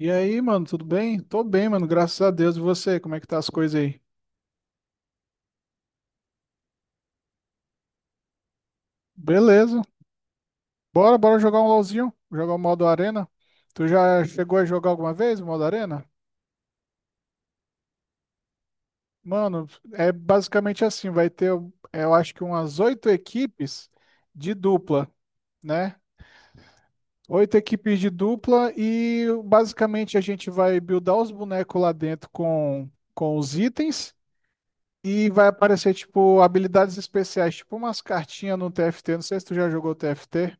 E aí, mano, tudo bem? Tô bem, mano, graças a Deus. E você, como é que tá as coisas aí? Beleza. Bora, bora jogar um LOLzinho, jogar o modo Arena. Tu já chegou a jogar alguma vez o modo Arena? Mano, é basicamente assim, eu acho que umas oito equipes de dupla, né? Oito equipes de dupla e basicamente a gente vai buildar os bonecos lá dentro com os itens e vai aparecer, tipo, habilidades especiais, tipo umas cartinhas no TFT. Não sei se tu já jogou TFT.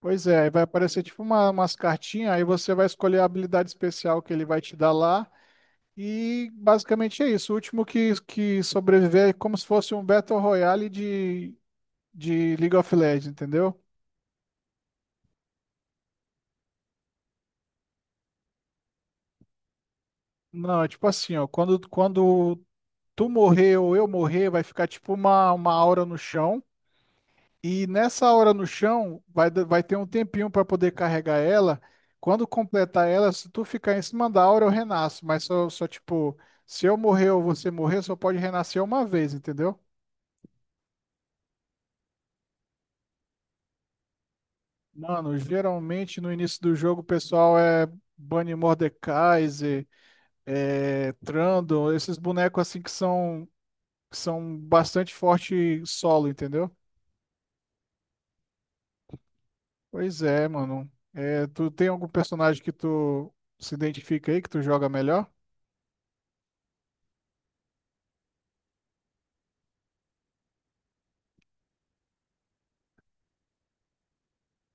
Pois é, aí vai aparecer umas cartinhas, aí você vai escolher a habilidade especial que ele vai te dar lá. E basicamente é isso. O último que sobreviver é como se fosse um Battle Royale de League of Legends, entendeu? Não, é tipo assim, ó, quando tu morrer ou eu morrer, vai ficar tipo uma aura no chão. E nessa hora no chão, vai ter um tempinho para poder carregar ela. Quando completar ela, se tu ficar em cima da aura, eu renasço. Mas só tipo, se eu morrer ou você morrer, só pode renascer uma vez, entendeu? Mano, geralmente no início do jogo o pessoal é Bunny Mordekaiser, é Trundle, esses bonecos assim que são bastante forte solo, entendeu? Pois é, mano. É, tu tem algum personagem que tu se identifica aí, que tu joga melhor?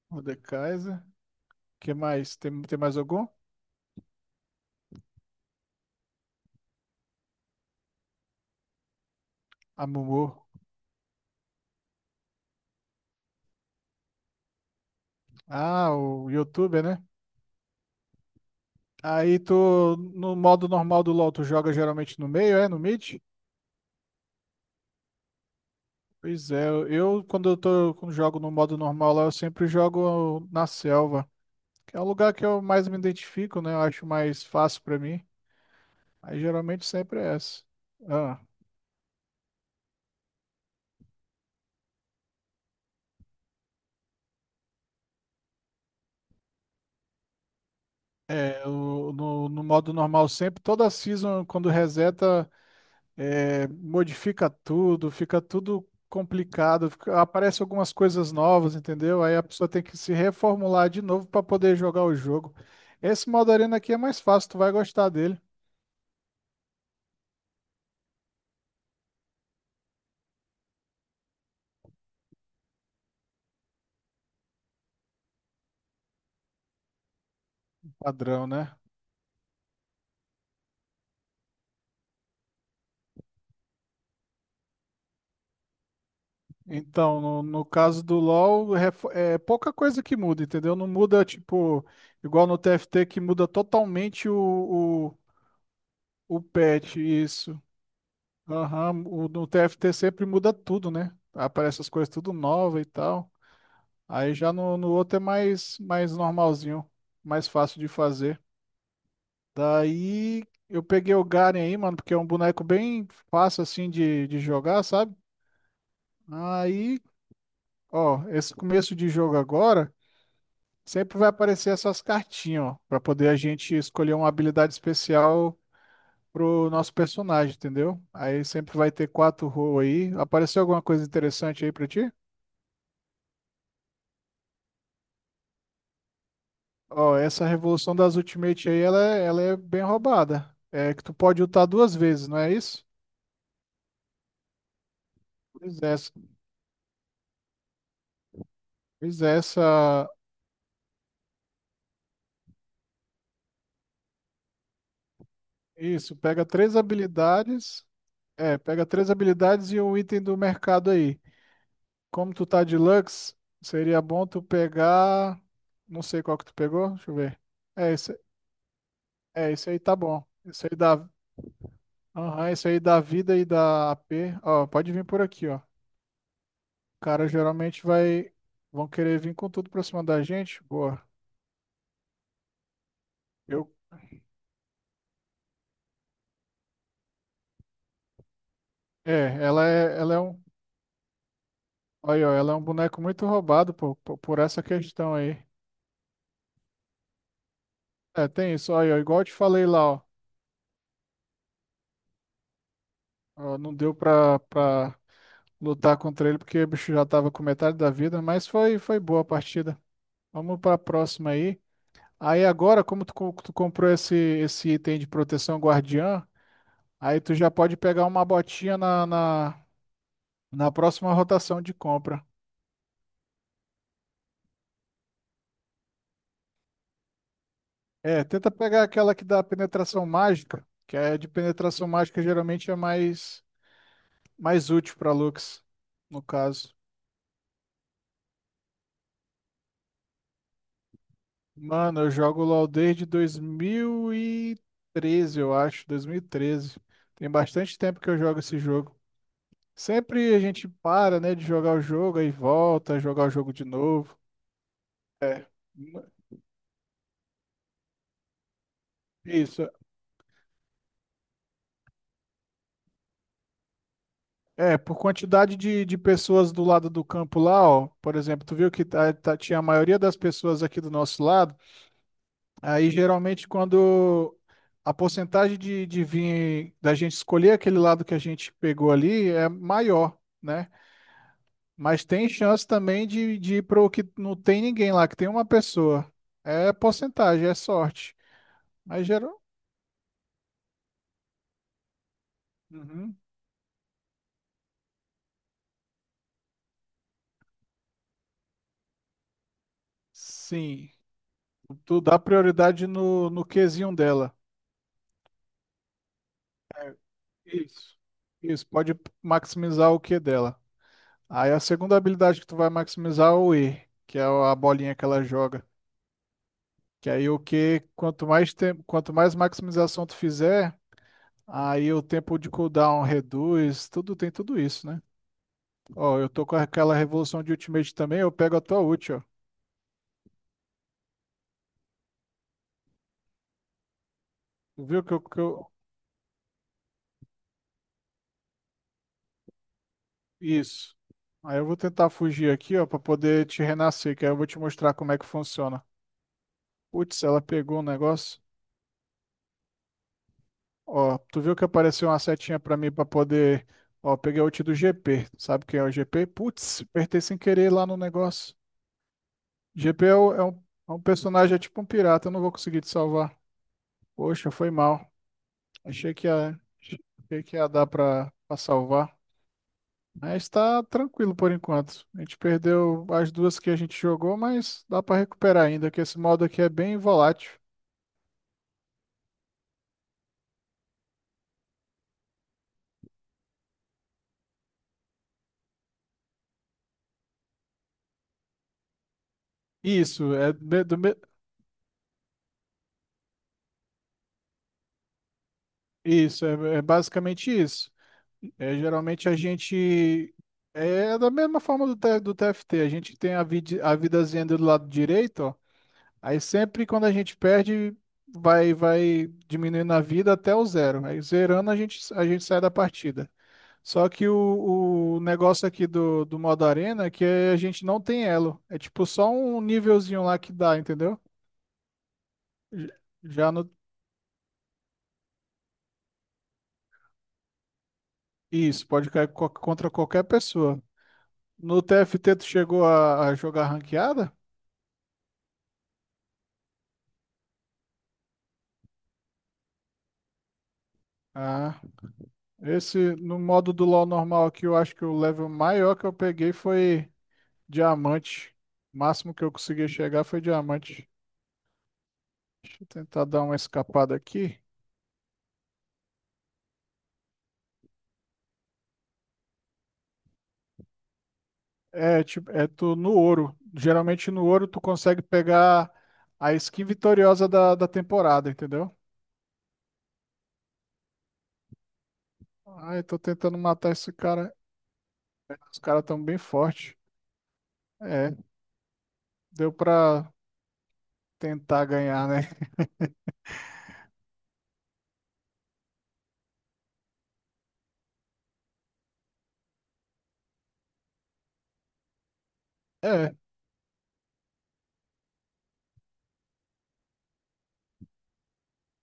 O The Kaiser. Que mais? Tem mais algum? A Mumu. Ah, o YouTuber, né? Aí tu, no modo normal do LoL, tu joga geralmente no meio, é? No mid? Pois é, eu quando eu tô com jogo no modo normal lá, eu sempre jogo na selva, que é o lugar que eu mais me identifico, né? Eu acho mais fácil pra mim. Aí geralmente sempre é essa. Ah, é, no modo normal sempre, toda season quando reseta, é, modifica tudo, fica tudo complicado, aparece algumas coisas novas, entendeu? Aí a pessoa tem que se reformular de novo pra poder jogar o jogo. Esse modo arena aqui é mais fácil, tu vai gostar dele, padrão, né? Então, no caso do LoL, é pouca coisa que muda, entendeu? Não muda, tipo, igual no TFT que muda totalmente o patch, isso. Aham, no TFT sempre muda tudo, né? Aparece as coisas tudo nova e tal. Aí já no outro é mais normalzinho, mais fácil de fazer. Daí eu peguei o Garen aí, mano, porque é um boneco bem fácil assim de jogar, sabe? Aí, ó, esse começo de jogo agora. Sempre vai aparecer essas cartinhas, ó, para poder a gente escolher uma habilidade especial pro nosso personagem, entendeu? Aí sempre vai ter quatro roles aí. Apareceu alguma coisa interessante aí pra ti? Ó, essa revolução das Ultimate aí, ela é bem roubada. É que tu pode ultar duas vezes, não é isso? Pois é, essa. Pois é, essa. Isso, pega três habilidades. É, pega três habilidades e um item do mercado aí. Como tu tá de Lux, seria bom tu pegar. Não sei qual que tu pegou, deixa eu ver. É esse, Esse aí tá bom. Aham, esse aí da vida e da AP. Ó, pode vir por aqui, ó. O cara geralmente vai. Vão querer vir com tudo pra cima da gente. Boa. Eu, é, ela é, Ela é um. Olha, ó, ela é um boneco muito roubado por essa questão aí. É, tem isso. Olha, ó, igual eu te falei lá, ó. Ó, não deu pra lutar contra ele, porque o bicho já tava com metade da vida, mas foi boa a partida. Vamos pra próxima aí. Aí agora, tu comprou esse item de proteção guardiã, aí tu já pode pegar uma botinha na próxima rotação de compra. É, tenta pegar aquela que dá penetração mágica, que é de penetração mágica geralmente é mais útil pra Lux, no caso. Mano, eu jogo LoL desde 2013. Tem bastante tempo que eu jogo esse jogo. Sempre a gente para, né, de jogar o jogo, aí volta, a jogar o jogo de novo. Isso. É, por quantidade de pessoas do lado do campo lá, ó. Por exemplo, tu viu que tinha a maioria das pessoas aqui do nosso lado. Aí geralmente quando a porcentagem de vir da gente escolher aquele lado que a gente pegou ali é maior, né? Mas tem chance também de ir pro que não tem ninguém lá, que tem uma pessoa. É porcentagem, é sorte. Mas geral. Uhum. Sim. Tu dá prioridade no Qzinho dela. Isso. Isso, pode maximizar o Q dela. Aí a segunda habilidade que tu vai maximizar é o E, que é a bolinha que ela joga. Que aí o Q, quanto mais tempo, quanto mais maximização tu fizer, aí o tempo de cooldown reduz, tudo tem tudo isso, né? Ó, eu tô com aquela revolução de Ultimate também, eu pego a tua ult, ó. Tu viu que eu... Isso. Aí eu vou tentar fugir aqui, ó, pra poder te renascer, que aí eu vou te mostrar como é que funciona. Putz, ela pegou um negócio. Ó, tu viu que apareceu uma setinha pra mim pra poder... Ó, peguei a ult do GP. Sabe quem é o GP? Putz, apertei sem querer lá no negócio. É um personagem, é tipo um pirata, eu não vou conseguir te salvar. Poxa, foi mal. Achei que ia, Achei que ia dar pra salvar. Mas está tranquilo por enquanto. A gente perdeu as duas que a gente jogou, mas dá para recuperar ainda, que esse modo aqui é bem volátil. Isso, é, me- do me- isso, é, É basicamente isso. É, geralmente a gente é da mesma forma do TFT, a gente tem a vidazinha do lado direito, ó. Aí sempre quando a gente perde, vai diminuindo a vida até o zero. Aí zerando a gente sai da partida. Só que o negócio aqui do modo arena é que a gente não tem elo. É tipo só um nívelzinho lá que dá, entendeu? J- Já no. Isso, pode cair contra qualquer pessoa. No TFT, tu chegou a jogar ranqueada? Ah, esse no modo do LoL normal aqui, eu acho que o level maior que eu peguei foi diamante. O máximo que eu consegui chegar foi diamante. Deixa eu tentar dar uma escapada aqui. É, tipo, é tu no ouro. Geralmente no ouro tu consegue pegar a skin vitoriosa da temporada, entendeu? Ai, tô tentando matar esse cara. Os caras tão bem fortes. É, deu pra tentar ganhar, né? É,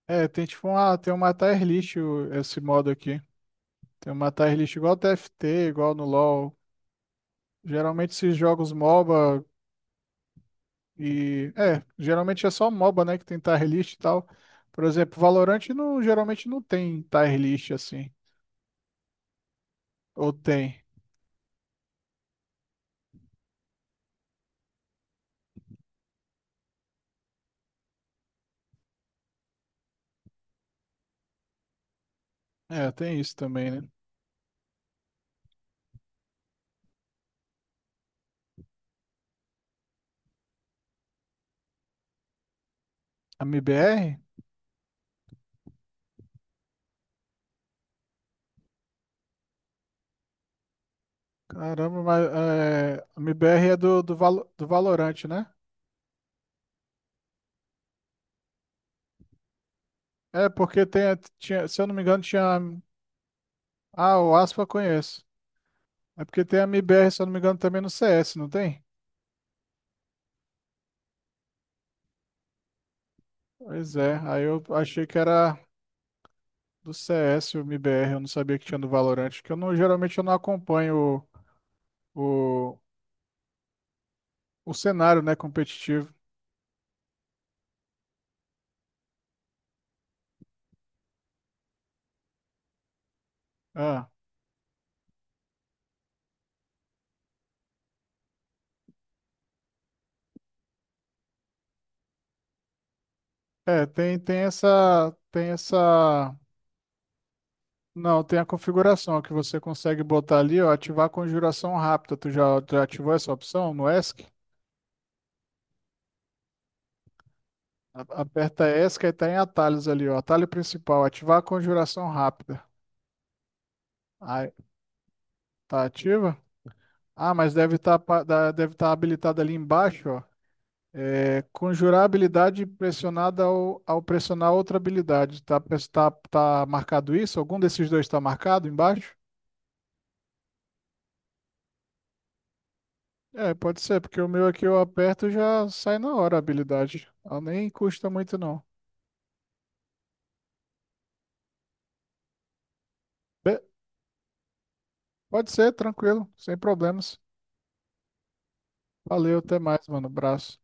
tem tipo uma, tem um matar Erlich esse modo aqui. Tem um matar Erlich igual TFT, igual no LoL. Geralmente esses jogos MOBA e... É, geralmente é só MOBA, né, que tem tier list e tal. Por exemplo, Valorant não, geralmente não tem tier list assim. Ou tem? É, tem isso também, né? A MBR? Caramba, mas é, a MBR é do Valorante, né? É, porque tem, tinha, se eu não me engano, tinha. Ah, o Aspa eu conheço. É porque tem a MBR, se eu não me engano, também no CS, não tem? Pois é, aí eu achei que era. Do CS, o MBR, eu não sabia que tinha do Valorant, que eu não, geralmente eu não acompanho o, o, o cenário, né, competitivo. Ah, é, tem, não, tem a configuração que você consegue botar ali, ó, ativar a conjuração rápida. Tu já ativou essa opção no ESC? Aperta ESC e tá em atalhos ali, ó, atalho principal, ativar a conjuração rápida. Aí, tá ativa? Ah, mas deve tá habilitado ali embaixo. É, conjurar habilidade pressionada ao pressionar outra habilidade. Tá marcado isso? Algum desses dois está marcado embaixo? É, pode ser, porque o meu aqui eu aperto e já sai na hora a habilidade. Ela nem custa muito, não. Be- Pode ser, tranquilo, sem problemas. Valeu, até mais, mano. Abraço.